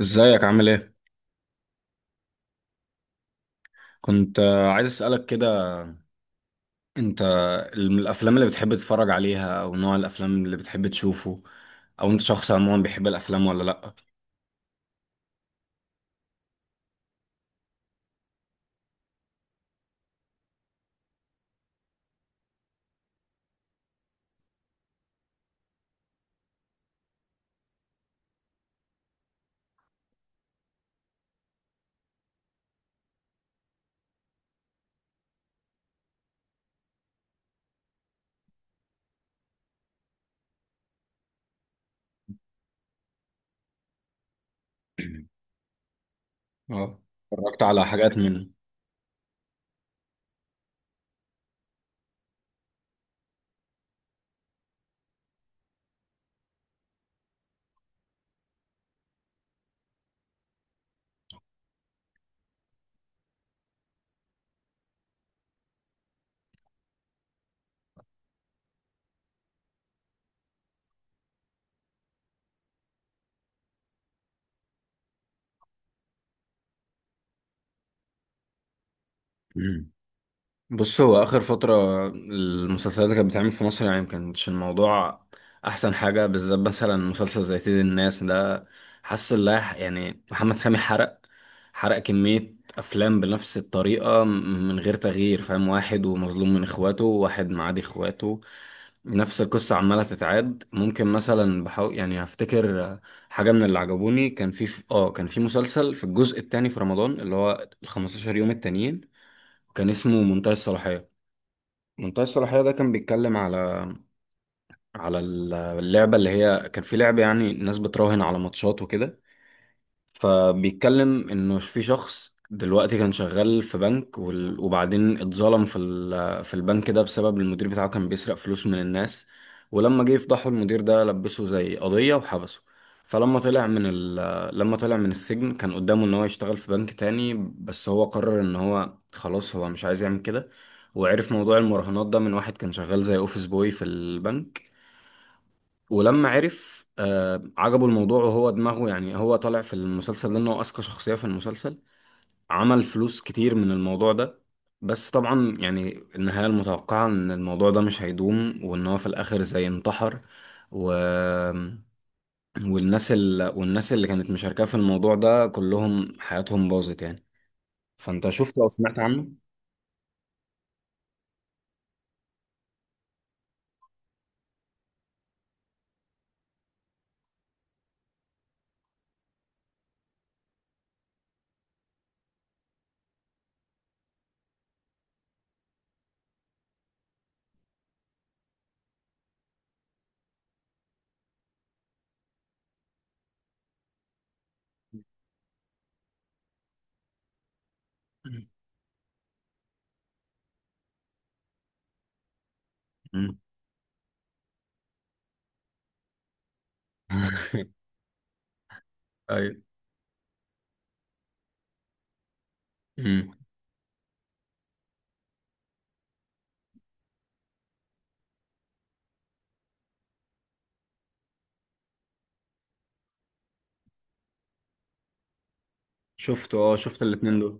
ازيك عامل ايه؟ كنت عايز اسألك كده. انت الافلام اللي بتحب تتفرج عليها او نوع الافلام اللي بتحب تشوفه، او انت شخص عموما بيحب الافلام ولا لأ؟ اه، اتفرجت على حاجات منه. بص، هو آخر فترة المسلسلات اللي كانت بتعمل في مصر يعني مكانش الموضوع أحسن حاجة، بالذات مثلا مسلسل زي سيد الناس ده. حاسس اللي يعني محمد سامي حرق، حرق كمية أفلام بنفس الطريقة من غير تغيير. فاهم؟ واحد ومظلوم من إخواته، واحد معادي إخواته، نفس القصة عمالة تتعاد. ممكن مثلا بحاول يعني هفتكر حاجة من اللي عجبوني. كان في اه، كان في مسلسل في الجزء التاني في رمضان، اللي هو ال 15 يوم التانيين، كان اسمه منتهى الصلاحية. منتهى الصلاحية ده كان بيتكلم على على اللعبة اللي هي، كان في لعبة يعني الناس بتراهن على ماتشات وكده. فبيتكلم انه في شخص دلوقتي كان شغال في بنك، وبعدين اتظلم في البنك ده بسبب المدير بتاعه كان بيسرق فلوس من الناس. ولما جه يفضحه، المدير ده لبسه زي قضية وحبسه. فلما طلع من لما طلع من السجن كان قدامه ان هو يشتغل في بنك تاني، بس هو قرر ان هو خلاص هو مش عايز يعمل كده. وعرف موضوع المراهنات ده من واحد كان شغال زي اوفيس بوي في البنك. ولما عرف عجبه الموضوع، وهو دماغه يعني هو طالع في المسلسل ده ان هو اذكى شخصية في المسلسل. عمل فلوس كتير من الموضوع ده. بس طبعا يعني النهاية المتوقعة ان الموضوع ده مش هيدوم، وان هو في الاخر زي انتحر. و والناس والناس اللي كانت مشاركة في الموضوع ده كلهم حياتهم باظت يعني. فانت شفت او سمعت عنه؟ مم. ايوه. مم. شفته، اه شفت الاتنين دول.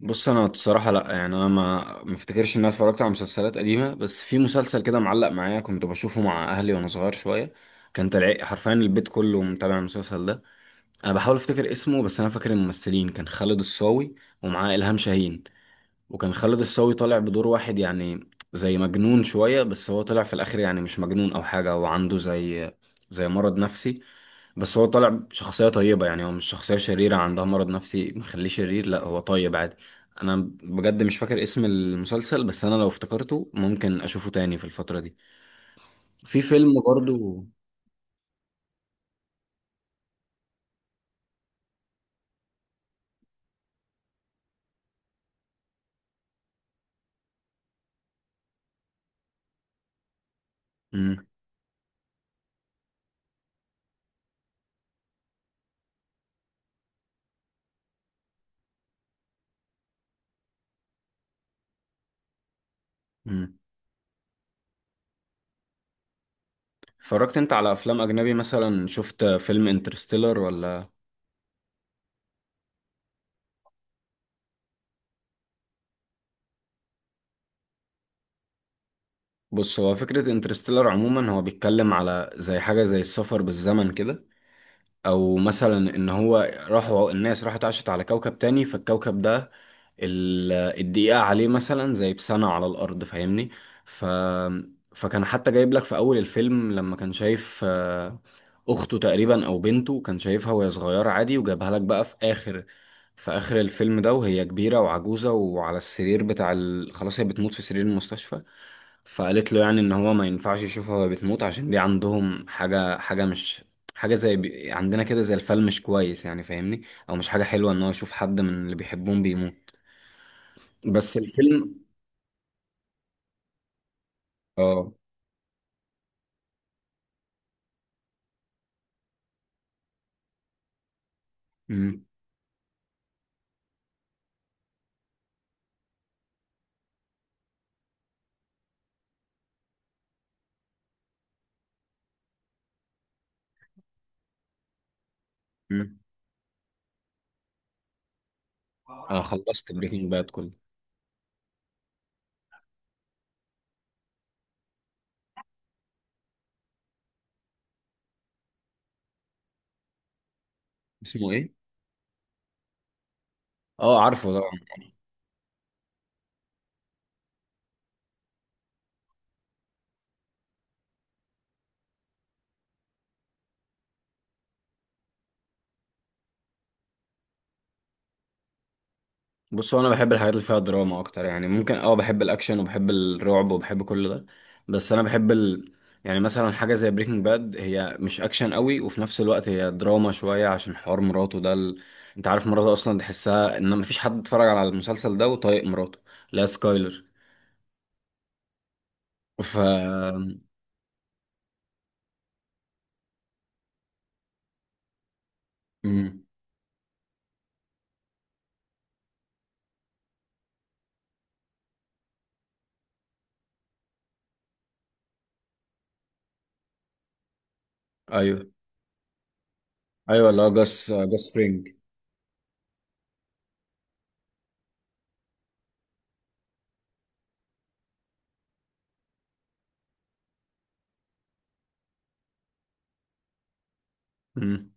بص، انا بصراحه لا، يعني انا ما افتكرش ان انا اتفرجت على مسلسلات قديمه، بس في مسلسل كده معلق معايا كنت بشوفه مع اهلي وانا صغير شويه. كان طلع حرفيا البيت كله متابع المسلسل ده. انا بحاول افتكر اسمه، بس انا فاكر الممثلين، كان خالد الصاوي ومعاه الهام شاهين. وكان خالد الصاوي طالع بدور واحد يعني زي مجنون شوية، بس هو طلع في الآخر يعني مش مجنون أو حاجة، هو عنده زي زي مرض نفسي. بس هو طالع شخصية طيبة، يعني هو مش شخصية شريرة عندها مرض نفسي مخليه شرير، لا هو طيب عادي. أنا بجد مش فاكر اسم المسلسل، بس أنا لو افتكرته ممكن أشوفه تاني في الفترة دي. في فيلم برضو. مم. مم. اتفرجت أنت على أفلام أجنبي؟ مثلا شفت فيلم انترستيلر ولا؟ بص، هو فكرة انترستيلر عموما هو بيتكلم على زي حاجة زي السفر بالزمن كده. او مثلا ان هو راحوا، الناس راحت عاشت على كوكب تاني، فالكوكب ده ال- الدقيقة عليه مثلا زي بسنة على الارض. فاهمني؟ ف فكان حتى جايب لك في اول الفيلم لما كان شايف اخته تقريبا او بنته، كان شايفها وهي صغيرة عادي، وجابها لك بقى في اخر، في اخر الفيلم ده وهي كبيرة وعجوزة وعلى السرير بتاع خلاص هي بتموت في سرير المستشفى. فقالت له يعني ان هو ما ينفعش يشوفها وهي بتموت عشان دي عندهم حاجة، حاجة مش حاجة زي عندنا كده، زي الفيلم مش كويس يعني، فاهمني؟ او مش حاجة حلوة ان هو يشوف حد من اللي بيحبهم بيموت. بس الفيلم اه. امم. امم. انا خلصت بريكنج باد كله. اسمه ايه؟ اه عارفه ده. بص، هو انا بحب الحاجات اللي فيها دراما اكتر. يعني ممكن اه بحب الاكشن وبحب الرعب وبحب كل ده، بس انا بحب يعني مثلا حاجه زي بريكنج باد، هي مش اكشن قوي وفي نفس الوقت هي دراما شويه عشان حوار مراته ده انت عارف مراته اصلا تحسها ان مفيش حد اتفرج على المسلسل ده وطايق مراته. لا، سكايلر. ف مم. ايوه. ايوه اللي هو جاس، جاس فرينج. مم.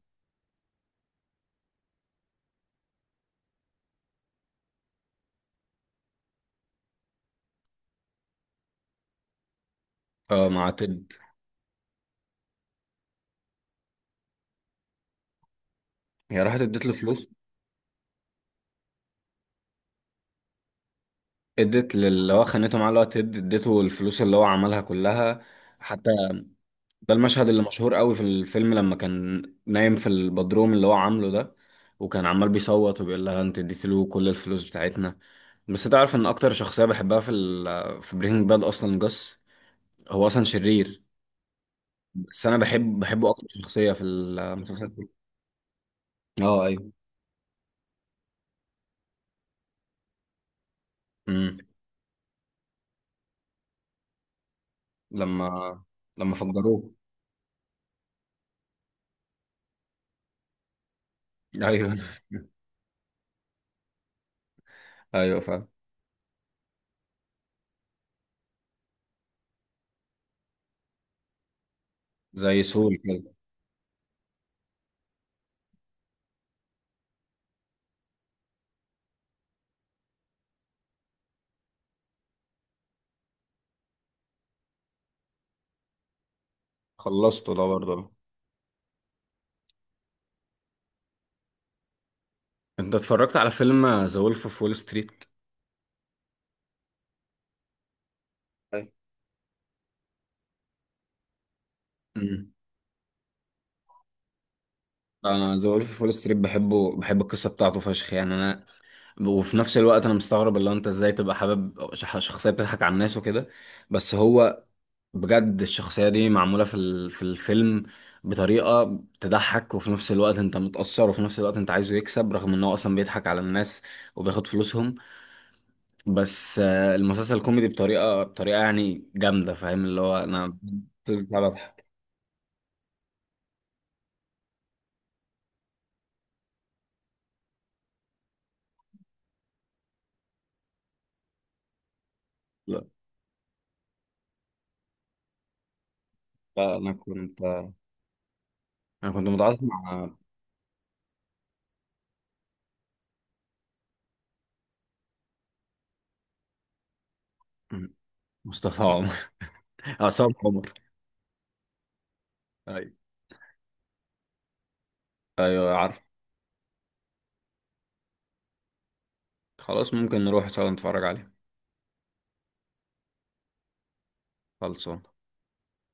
اه، مع تيد. هي راحت اديت له فلوس. اديت للي هو خانته معاه، اللي هو تيد، اديته الفلوس اللي هو عملها كلها. حتى ده المشهد اللي مشهور قوي في الفيلم، لما كان نايم في البدروم اللي هو عامله ده، وكان عمال بيصوت وبيقول لها انت اديتي له كل الفلوس بتاعتنا. بس تعرف ان اكتر شخصية بحبها في بريكنج باد اصلا جاس. هو اصلا شرير بس انا بحبه اكتر شخصية في المسلسل كله. اه ايوه. امم. لما لما فجروه. ايوه. ايوه فاهم. زي سول كده. خلصته ده برضه. انت اتفرجت على فيلم ذا وولف اوف وول ستريت؟ انا ذا وولف فول ستريت بحبه، بحب القصه بتاعته فشخ يعني. انا وفي نفس الوقت انا مستغرب اللي هو انت ازاي تبقى حابب شخصيه بتضحك على الناس وكده. بس هو بجد الشخصيه دي معموله في الفيلم بطريقه تضحك، وفي نفس الوقت انت متاثر، وفي نفس الوقت انت عايزه يكسب رغم ان هو اصلا بيضحك على الناس وبياخد فلوسهم. بس آه، المسلسل كوميدي بطريقه يعني جامده. فاهم اللي هو انا بضحك. لا لا، انا كنت، انا كنت متعاطف مع مصطفى، عصام عمر. ايوه. ايوه عارف. خلاص ممكن نروح سوا نتفرج عليه. خلصان.